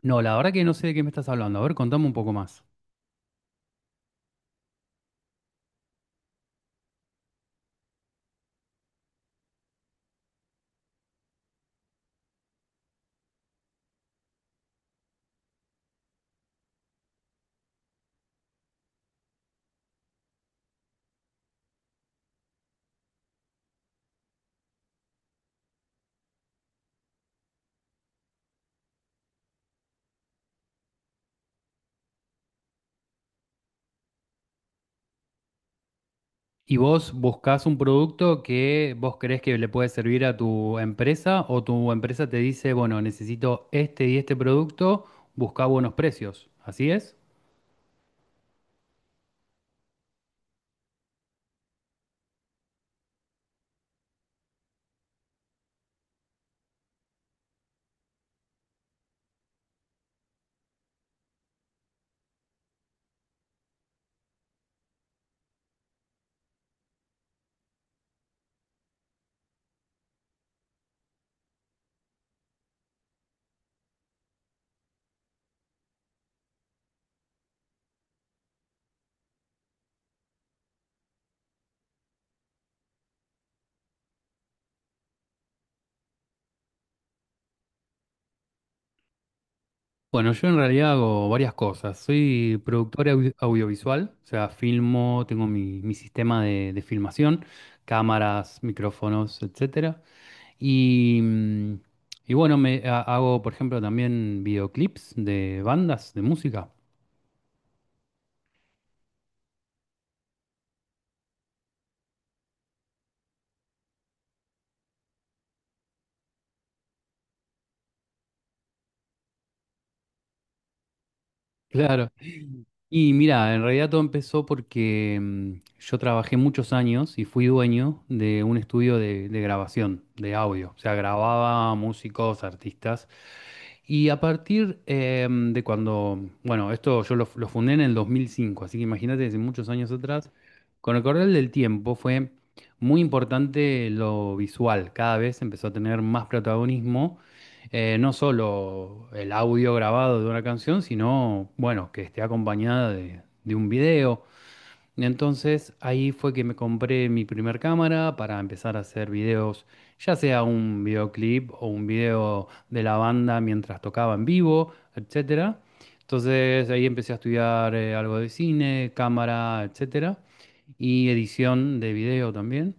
No, la verdad que no sé de qué me estás hablando. A ver, contame un poco más. ¿Y vos buscás un producto que vos crees que le puede servir a tu empresa o tu empresa te dice, bueno, necesito este y este producto, busca buenos precios? ¿Así es? Bueno, yo en realidad hago varias cosas. Soy productor audiovisual, o sea, filmo, tengo mi sistema de filmación, cámaras, micrófonos, etcétera. Y, y bueno, hago, por ejemplo, también videoclips de bandas, de música. Claro. Y mira, en realidad todo empezó porque yo trabajé muchos años y fui dueño de un estudio de grabación, de audio. O sea, grababa músicos, artistas. Y a partir de cuando, bueno, esto yo lo fundé en el 2005, así que imagínate, desde muchos años atrás, con el correr del tiempo fue muy importante lo visual. Cada vez empezó a tener más protagonismo no solo el audio grabado de una canción, sino, bueno, que esté acompañada de un video. Entonces ahí fue que me compré mi primer cámara para empezar a hacer videos, ya sea un videoclip o un video de la banda mientras tocaba en vivo, etcétera. Entonces ahí empecé a estudiar algo de cine, cámara, etcétera, y edición de video también.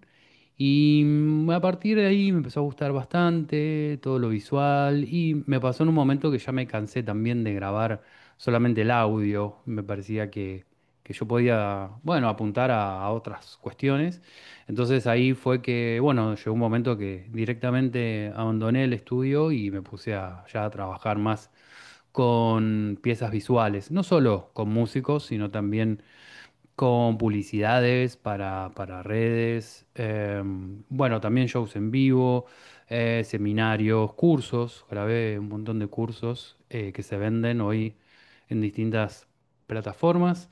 Y a partir de ahí me empezó a gustar bastante todo lo visual y me pasó en un momento que ya me cansé también de grabar solamente el audio, me parecía que yo podía, bueno, apuntar a otras cuestiones. Entonces ahí fue que, bueno, llegó un momento que directamente abandoné el estudio y me puse a, ya a trabajar más con piezas visuales, no solo con músicos, sino también con publicidades para redes, bueno, también shows en vivo, seminarios, cursos, grabé un montón de cursos que se venden hoy en distintas plataformas.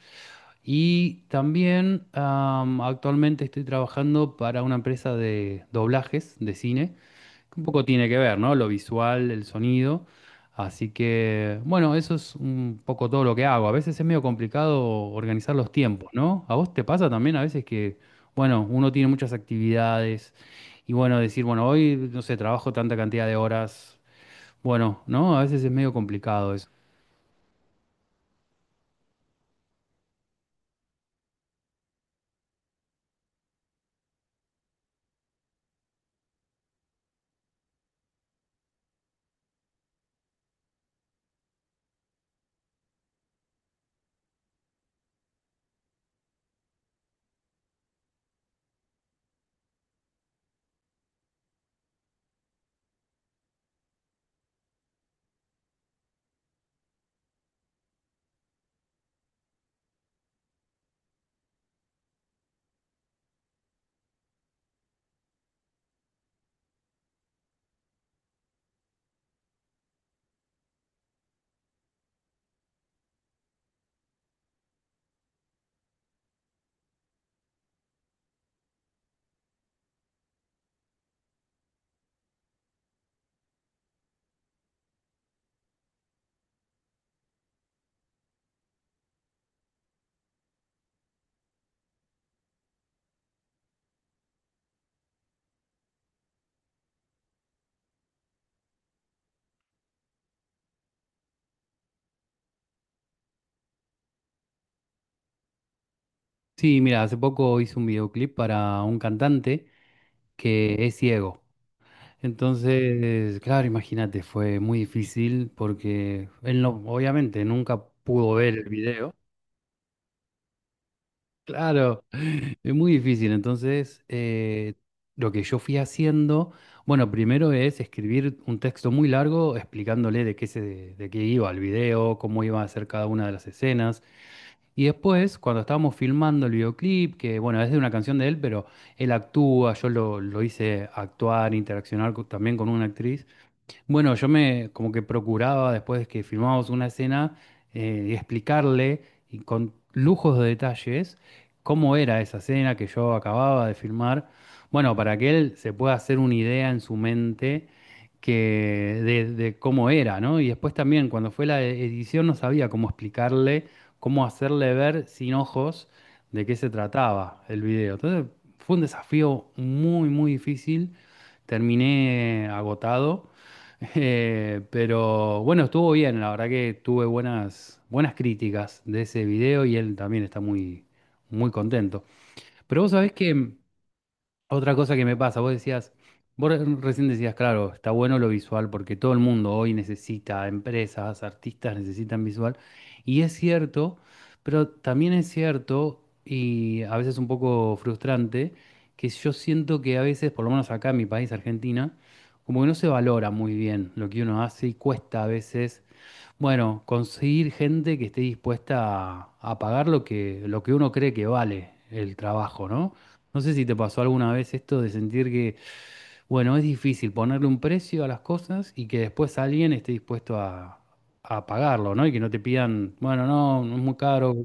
Y también actualmente estoy trabajando para una empresa de doblajes de cine, que un poco tiene que ver, ¿no? Lo visual, el sonido. Así que, bueno, eso es un poco todo lo que hago. A veces es medio complicado organizar los tiempos, ¿no? ¿A vos te pasa también a veces que, bueno, uno tiene muchas actividades y, bueno, decir, bueno, hoy, no sé, trabajo tanta cantidad de horas. Bueno, ¿no? A veces es medio complicado eso. Sí, mira, hace poco hice un videoclip para un cantante que es ciego. Entonces, claro, imagínate, fue muy difícil porque él no, obviamente nunca pudo ver el video. Claro, es muy difícil. Entonces, lo que yo fui haciendo, bueno, primero es escribir un texto muy largo explicándole de qué se, de qué iba el video, cómo iba a ser cada una de las escenas. Y después, cuando estábamos filmando el videoclip, que bueno, es de una canción de él, pero él actúa, yo lo hice actuar, también con una actriz. Bueno, yo me como que procuraba después de que filmábamos una escena explicarle y con lujos de detalles cómo era esa escena que yo acababa de filmar. Bueno, para que él se pueda hacer una idea en su mente que de cómo era, ¿no? Y después también cuando fue la edición no sabía cómo explicarle, cómo hacerle ver sin ojos de qué se trataba el video. Entonces fue un desafío muy, muy difícil. Terminé agotado. Pero bueno, estuvo bien, la verdad que tuve buenas, buenas críticas de ese video y él también está muy, muy contento. Pero vos sabés que otra cosa que me pasa, vos decías, recién decías, claro, está bueno lo visual porque todo el mundo hoy necesita, empresas, artistas necesitan visual, y es cierto, pero también es cierto, y a veces un poco frustrante, que yo siento que a veces, por lo menos acá en mi país, Argentina, como que no se valora muy bien lo que uno hace y cuesta a veces bueno, conseguir gente que esté dispuesta a pagar lo que uno cree que vale el trabajo, ¿no? No sé si te pasó alguna vez esto de sentir que, bueno, es difícil ponerle un precio a las cosas y que después alguien esté dispuesto a pagarlo, ¿no? Y que no te pidan, bueno, no, no es muy caro.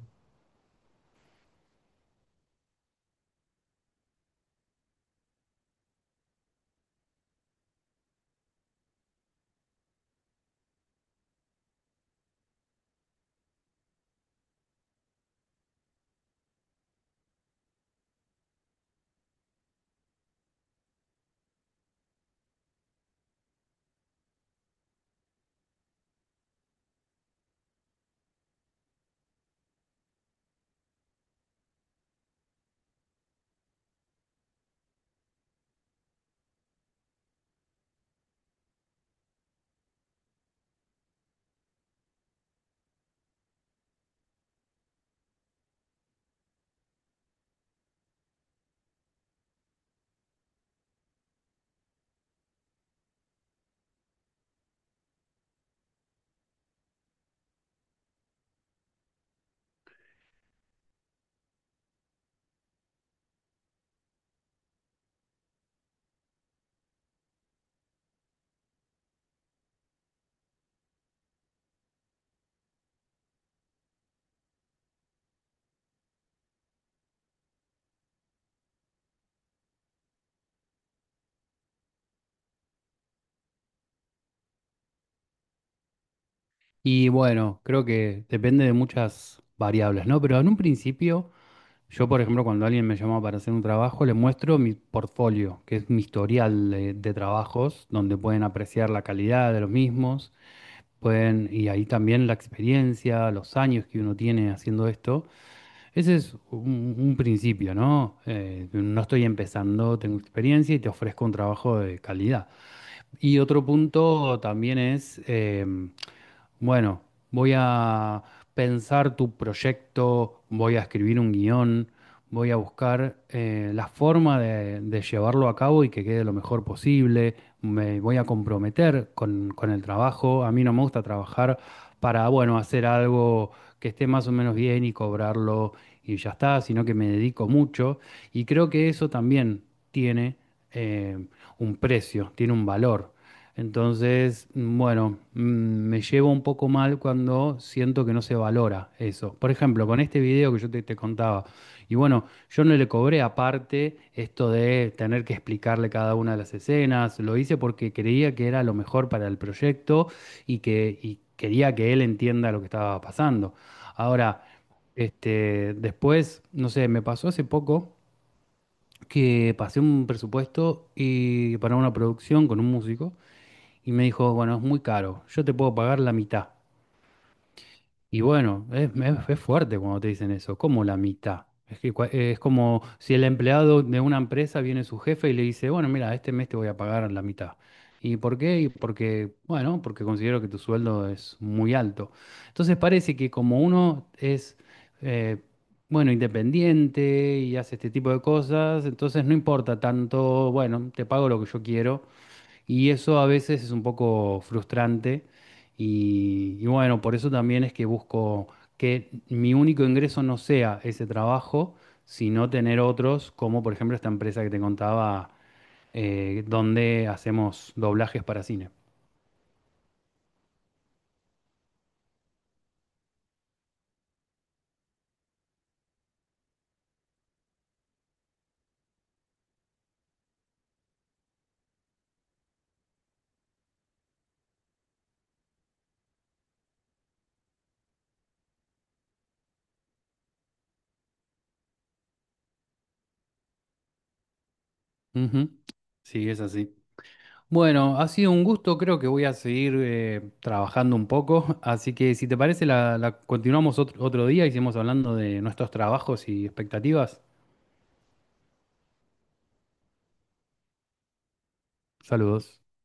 Y bueno, creo que depende de muchas variables, ¿no? Pero en un principio. Yo, por ejemplo, cuando alguien me llama para hacer un trabajo, le muestro mi portfolio, que es mi historial de trabajos, donde pueden apreciar la calidad de los mismos, pueden, y ahí también la experiencia, los años que uno tiene haciendo esto. Ese es un principio, ¿no? No estoy empezando, tengo experiencia y te ofrezco un trabajo de calidad. Y otro punto también es, bueno, voy a pensar tu proyecto, voy a escribir un guión, voy a buscar la forma de llevarlo a cabo y que quede lo mejor posible, me voy a comprometer con el trabajo. A mí no me gusta trabajar para, bueno, hacer algo que esté más o menos bien y cobrarlo y ya está, sino que me dedico mucho. Y creo que eso también tiene em, un precio, tiene un valor. Entonces, bueno, me llevo un poco mal cuando siento que no se valora eso. Por ejemplo, con este video que yo te contaba, y bueno, yo no le cobré aparte esto de tener que explicarle cada una de las escenas, lo hice porque creía que era lo mejor para el proyecto y quería que él entienda lo que estaba pasando. Ahora, este, después, no sé, me pasó hace poco que pasé un presupuesto y para una producción con un músico y me dijo, bueno, es muy caro, yo te puedo pagar la mitad. Y bueno, es, es fuerte cuando te dicen eso, como la mitad. Es que es como si el empleado de una empresa viene su jefe y le dice, bueno, mira, este mes te voy a pagar la mitad. ¿Y por qué? Y porque, bueno, porque considero que tu sueldo es muy alto. Entonces parece que como uno es, eh, bueno, independiente y hace este tipo de cosas, entonces no importa tanto, bueno, te pago lo que yo quiero. Y eso a veces es un poco frustrante y bueno, por eso también es que busco que mi único ingreso no sea ese trabajo, sino tener otros, como por ejemplo esta empresa que te contaba, donde hacemos doblajes para cine. Ujú. Sí, es así. Bueno, ha sido un gusto, creo que voy a seguir trabajando un poco, así que si te parece, la continuamos otro, otro día y seguimos hablando de nuestros trabajos y expectativas. Saludos.